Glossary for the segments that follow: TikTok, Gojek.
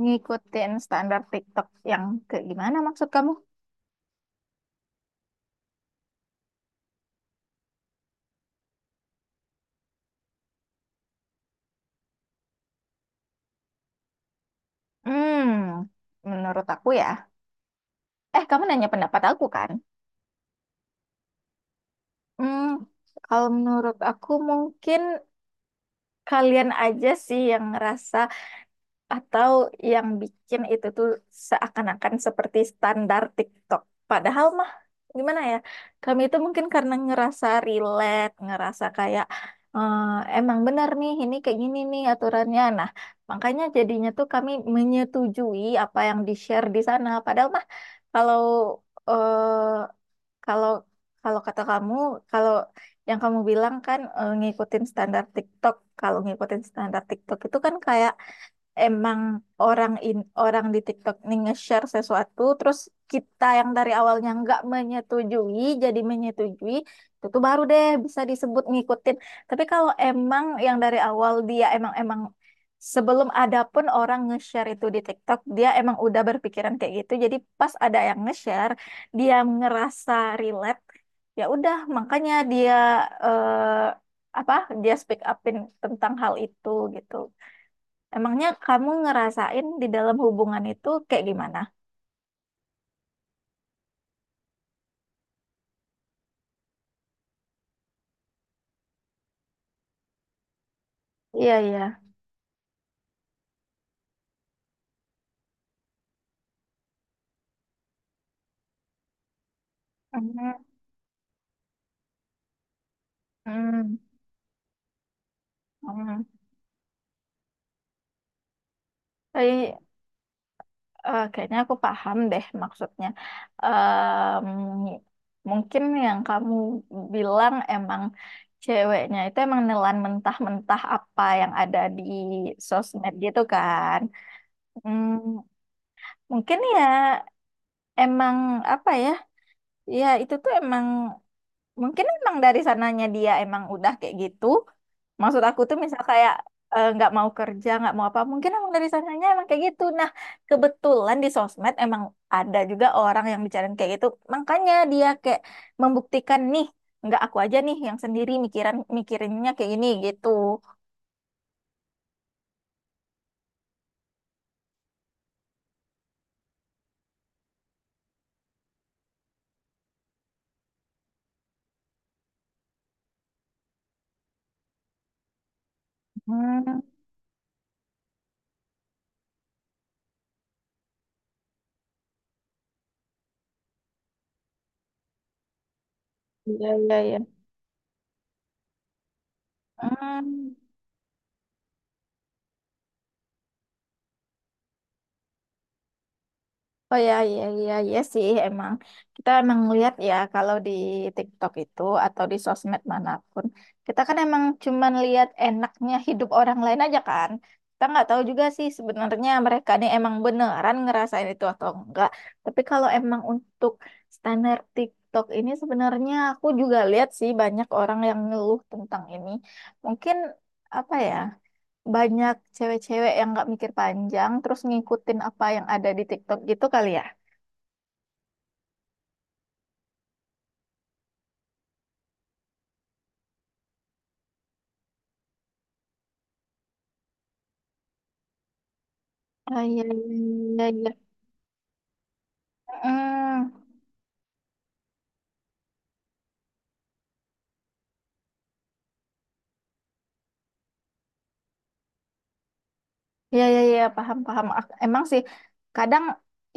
Ngikutin standar TikTok yang kayak gimana maksud kamu? Hmm, Menurut aku ya. Kamu nanya pendapat aku kan? Hmm, Kalau menurut aku mungkin kalian aja sih yang ngerasa atau yang bikin itu tuh seakan-akan seperti standar TikTok. Padahal mah gimana ya? Kami itu mungkin karena ngerasa relate, ngerasa kayak eh, emang benar nih ini kayak gini nih aturannya. Nah, makanya jadinya tuh kami menyetujui apa yang di-share di sana. Padahal mah kalau eh, kalau kalau kata kamu, kalau yang kamu bilang kan ngikutin standar TikTok. Kalau ngikutin standar TikTok itu kan kayak emang orang di TikTok nih nge-share sesuatu, terus kita yang dari awalnya nggak menyetujui jadi menyetujui, itu tuh baru deh bisa disebut ngikutin. Tapi kalau emang yang dari awal dia emang emang sebelum ada pun orang nge-share itu di TikTok, dia emang udah berpikiran kayak gitu, jadi pas ada yang nge-share dia ngerasa relate, ya udah makanya dia eh, apa dia speak upin tentang hal itu gitu. Emangnya kamu ngerasain di dalam hubungan itu kayak gimana? Iya, iya. Hmm, hmm, hmm. Eh, Kayaknya aku paham deh maksudnya. Em, Mungkin yang kamu bilang emang ceweknya itu emang nelan mentah-mentah apa yang ada di sosmed gitu kan. Hmm, Mungkin ya emang apa ya? Ya itu tuh emang mungkin emang dari sananya dia emang udah kayak gitu. Maksud aku tuh misal kayak nggak mau kerja nggak mau apa, mungkin emang dari sananya emang kayak gitu. Nah, kebetulan di sosmed emang ada juga orang yang bicarain kayak gitu, makanya dia kayak membuktikan nih nggak aku aja nih yang sendiri mikirinnya kayak gini gitu. Hmm, iya, iya, iya. Hmm. Oh ya, iya, iya, iya sih emang. Kita emang lihat ya kalau di TikTok itu atau di sosmed manapun, kita kan emang cuman lihat enaknya hidup orang lain aja kan. Kita nggak tahu juga sih sebenarnya mereka nih emang beneran ngerasain itu atau enggak. Tapi kalau emang untuk standar TikTok ini sebenarnya aku juga lihat sih banyak orang yang ngeluh tentang ini. Mungkin apa ya? Banyak cewek-cewek yang nggak mikir panjang terus ngikutin apa yang ada di TikTok gitu kali ya. Ah, iya, iya, iya. Iya. Heeh. Iya, iya, iya, paham, paham. Emang sih, kadang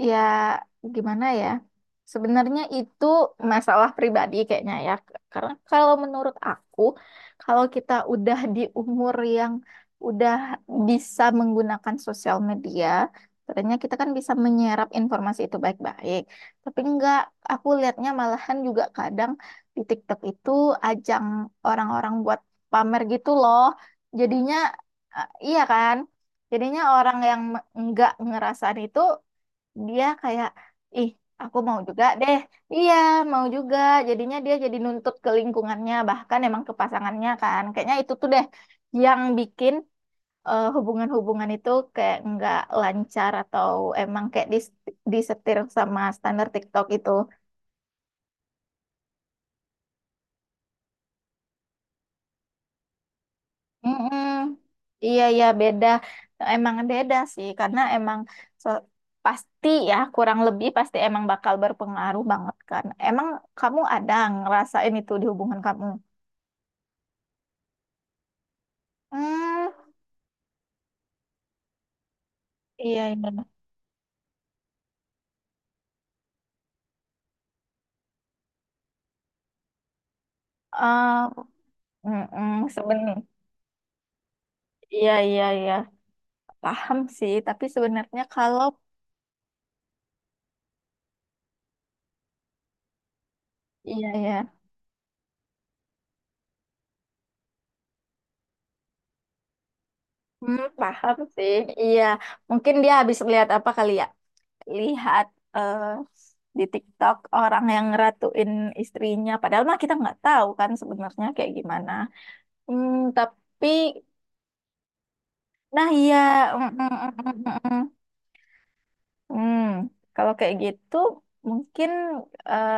ya gimana ya, sebenarnya itu masalah pribadi kayaknya ya. Karena kalau menurut aku, kalau kita udah di umur yang udah bisa menggunakan sosial media, sebenarnya kita kan bisa menyerap informasi itu baik-baik. Tapi enggak, aku lihatnya malahan juga kadang di TikTok itu ajang orang-orang buat pamer gitu loh. Jadinya, iya kan? Jadinya orang yang nggak ngerasain itu dia kayak ih aku mau juga deh. Iya, mau juga. Jadinya dia jadi nuntut ke lingkungannya bahkan emang ke pasangannya kan. Kayaknya itu tuh deh yang bikin hubungan-hubungan itu kayak nggak lancar atau emang kayak disetir sama standar TikTok itu. Mm-mm. Iya ya beda, emang beda sih karena emang so- pasti ya kurang lebih pasti emang bakal berpengaruh banget kan. Emang kamu ada ngerasain itu di hubungan kamu? Hmm, iya iya. Ah, mm-mm, seben, iya iya iya paham sih. Tapi sebenarnya kalau iya iya, paham sih. Iya, mungkin dia habis lihat apa kali ya? Lihat eh, di TikTok orang yang ngeratuin istrinya. Padahal mah kita nggak tahu kan sebenarnya kayak gimana. Hmm, tapi, nah iya, mm, mm, mm, mm, mm. Mm. Hmm, Kalau kayak gitu mungkin eh,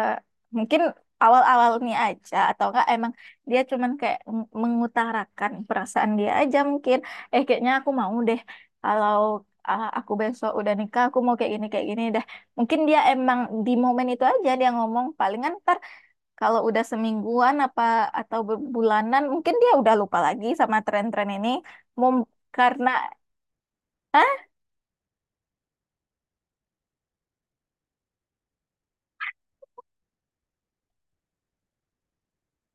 mungkin awal-awal nih aja atau enggak emang dia cuman kayak mengutarakan perasaan dia aja mungkin kayaknya aku mau deh. Kalau ah, aku besok udah nikah aku mau kayak gini deh. Mungkin dia emang di momen itu aja dia ngomong palingan ntar kalau udah semingguan apa atau bulanan mungkin dia udah lupa lagi sama tren-tren ini. Mom- karena ah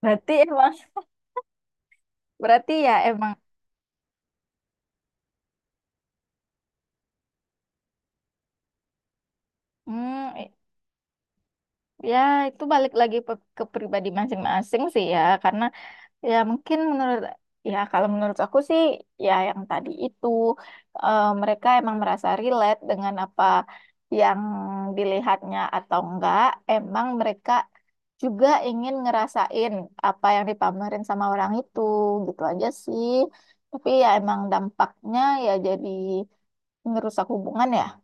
berarti emang berarti ya emang. Hmm, Ya, itu balik lagi ke pribadi masing-masing sih ya, karena ya mungkin menurut ya kalau menurut aku sih ya yang tadi itu mereka emang merasa relate dengan apa yang dilihatnya atau enggak, emang mereka juga ingin ngerasain apa yang dipamerin sama orang itu, gitu aja sih. Tapi ya emang dampaknya ya jadi ngerusak hubungan ya.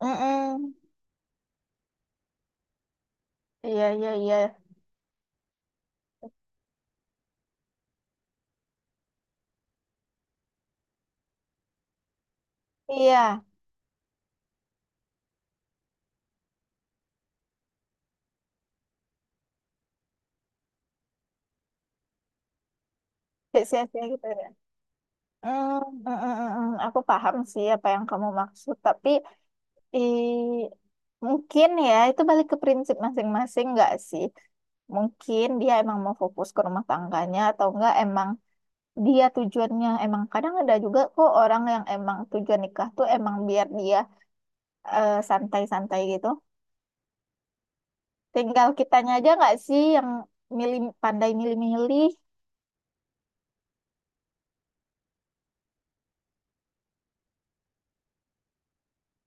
Mm-mm. Iya, iya, iya. Iya, sia-sia gitu. Hmm, mm, mm, mm, mm. Aku paham sih apa yang kamu maksud, tapi eh, mungkin ya itu balik ke prinsip masing-masing nggak sih? Mungkin dia emang mau fokus ke rumah tangganya atau enggak emang dia tujuannya emang kadang ada juga kok orang yang emang tujuan nikah tuh emang biar dia santai-santai gitu. Tinggal kitanya aja nggak sih yang milih pandai milih-milih.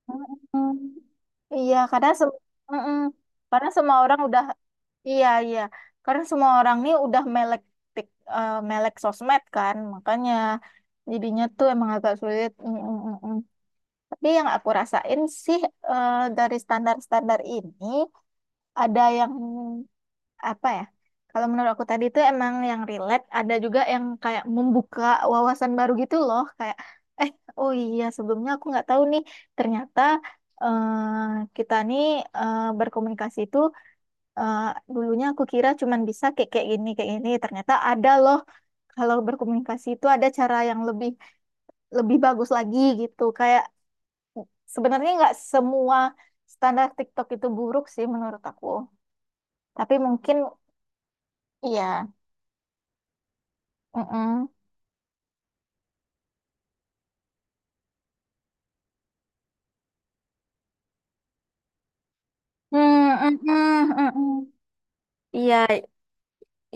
Mm, mm. Iya, karena Mm-mm. Karena semua orang udah, iya iya, karena semua orang nih udah melek, tik, melek sosmed kan, makanya jadinya tuh emang agak sulit. Mm-mm-mm. Tapi yang aku rasain sih dari standar-standar ini ada yang apa ya? Kalau menurut aku tadi itu emang yang relate, ada juga yang kayak membuka wawasan baru gitu loh, kayak eh oh iya sebelumnya aku nggak tahu nih ternyata eh kita nih berkomunikasi itu eh, dulunya aku kira cuman bisa kayak kayak gini, ternyata ada loh kalau berkomunikasi itu ada cara yang lebih lebih bagus lagi gitu. Kayak sebenarnya nggak semua standar TikTok itu buruk sih menurut aku, tapi mungkin iya. Mm-mm. Hmm, hmm, hmm, hmm. Hmm. Iya,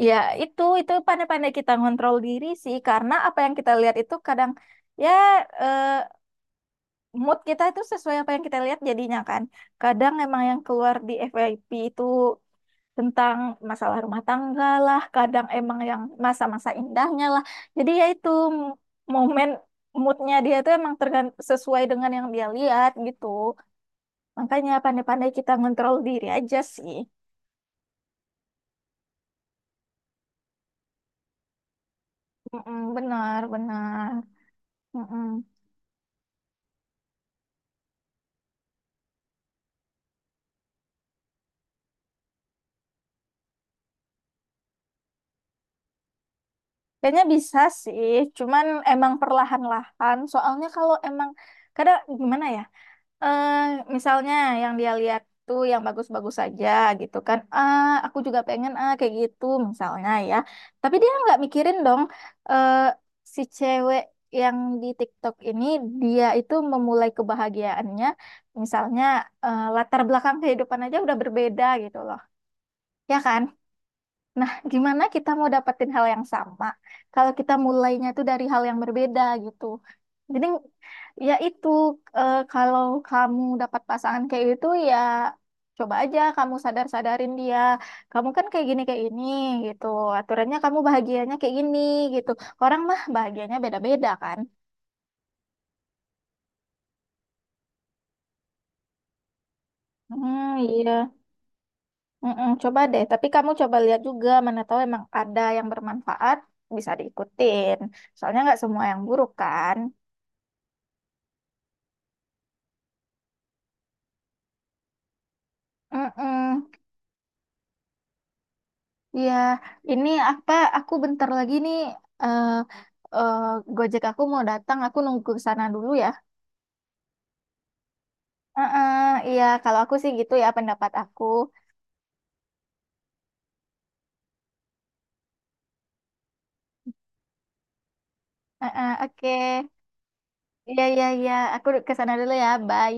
ya itu pandai-pandai kita ngontrol diri sih karena apa yang kita lihat itu kadang ya eh, mood kita itu sesuai apa yang kita lihat jadinya kan. Kadang emang yang keluar di FYP itu tentang masalah rumah tangga lah, kadang emang yang masa-masa indahnya lah. Jadi ya itu m- momen moodnya dia itu emang sesuai dengan yang dia lihat gitu. Makanya pandai-pandai kita ngontrol diri aja sih. Mm-mm, benar, benar. Mm-mm. Kayaknya bisa sih, cuman emang perlahan-lahan. Soalnya kalau emang kadang gimana ya? Eh, Misalnya yang dia lihat tuh yang bagus-bagus saja gitu kan. Ah, aku juga pengen ah kayak gitu misalnya ya. Tapi dia nggak mikirin dong eh, si cewek yang di TikTok ini dia itu memulai kebahagiaannya misalnya latar belakang kehidupan aja udah berbeda gitu loh. Ya kan? Nah, gimana kita mau dapetin hal yang sama kalau kita mulainya tuh dari hal yang berbeda gitu. Jadi ya itu kalau kamu dapat pasangan kayak itu ya coba aja kamu sadar-sadarin dia. Kamu kan kayak gini kayak ini gitu. Aturannya kamu bahagianya kayak gini gitu. Orang mah bahagianya beda-beda kan. Hmm, iya. Mm-mm, coba deh, tapi kamu coba lihat juga mana tahu emang ada yang bermanfaat bisa diikutin. Soalnya nggak semua yang buruk kan. Mm. Ya, ini apa? Aku bentar lagi nih. eh eh, Gojek aku mau datang. Aku nunggu ke sana dulu ya. Heeh, iya, kalau aku sih gitu ya pendapat aku. Heeh, oke. Iya, iya, iya. Aku ke sana dulu ya. Bye.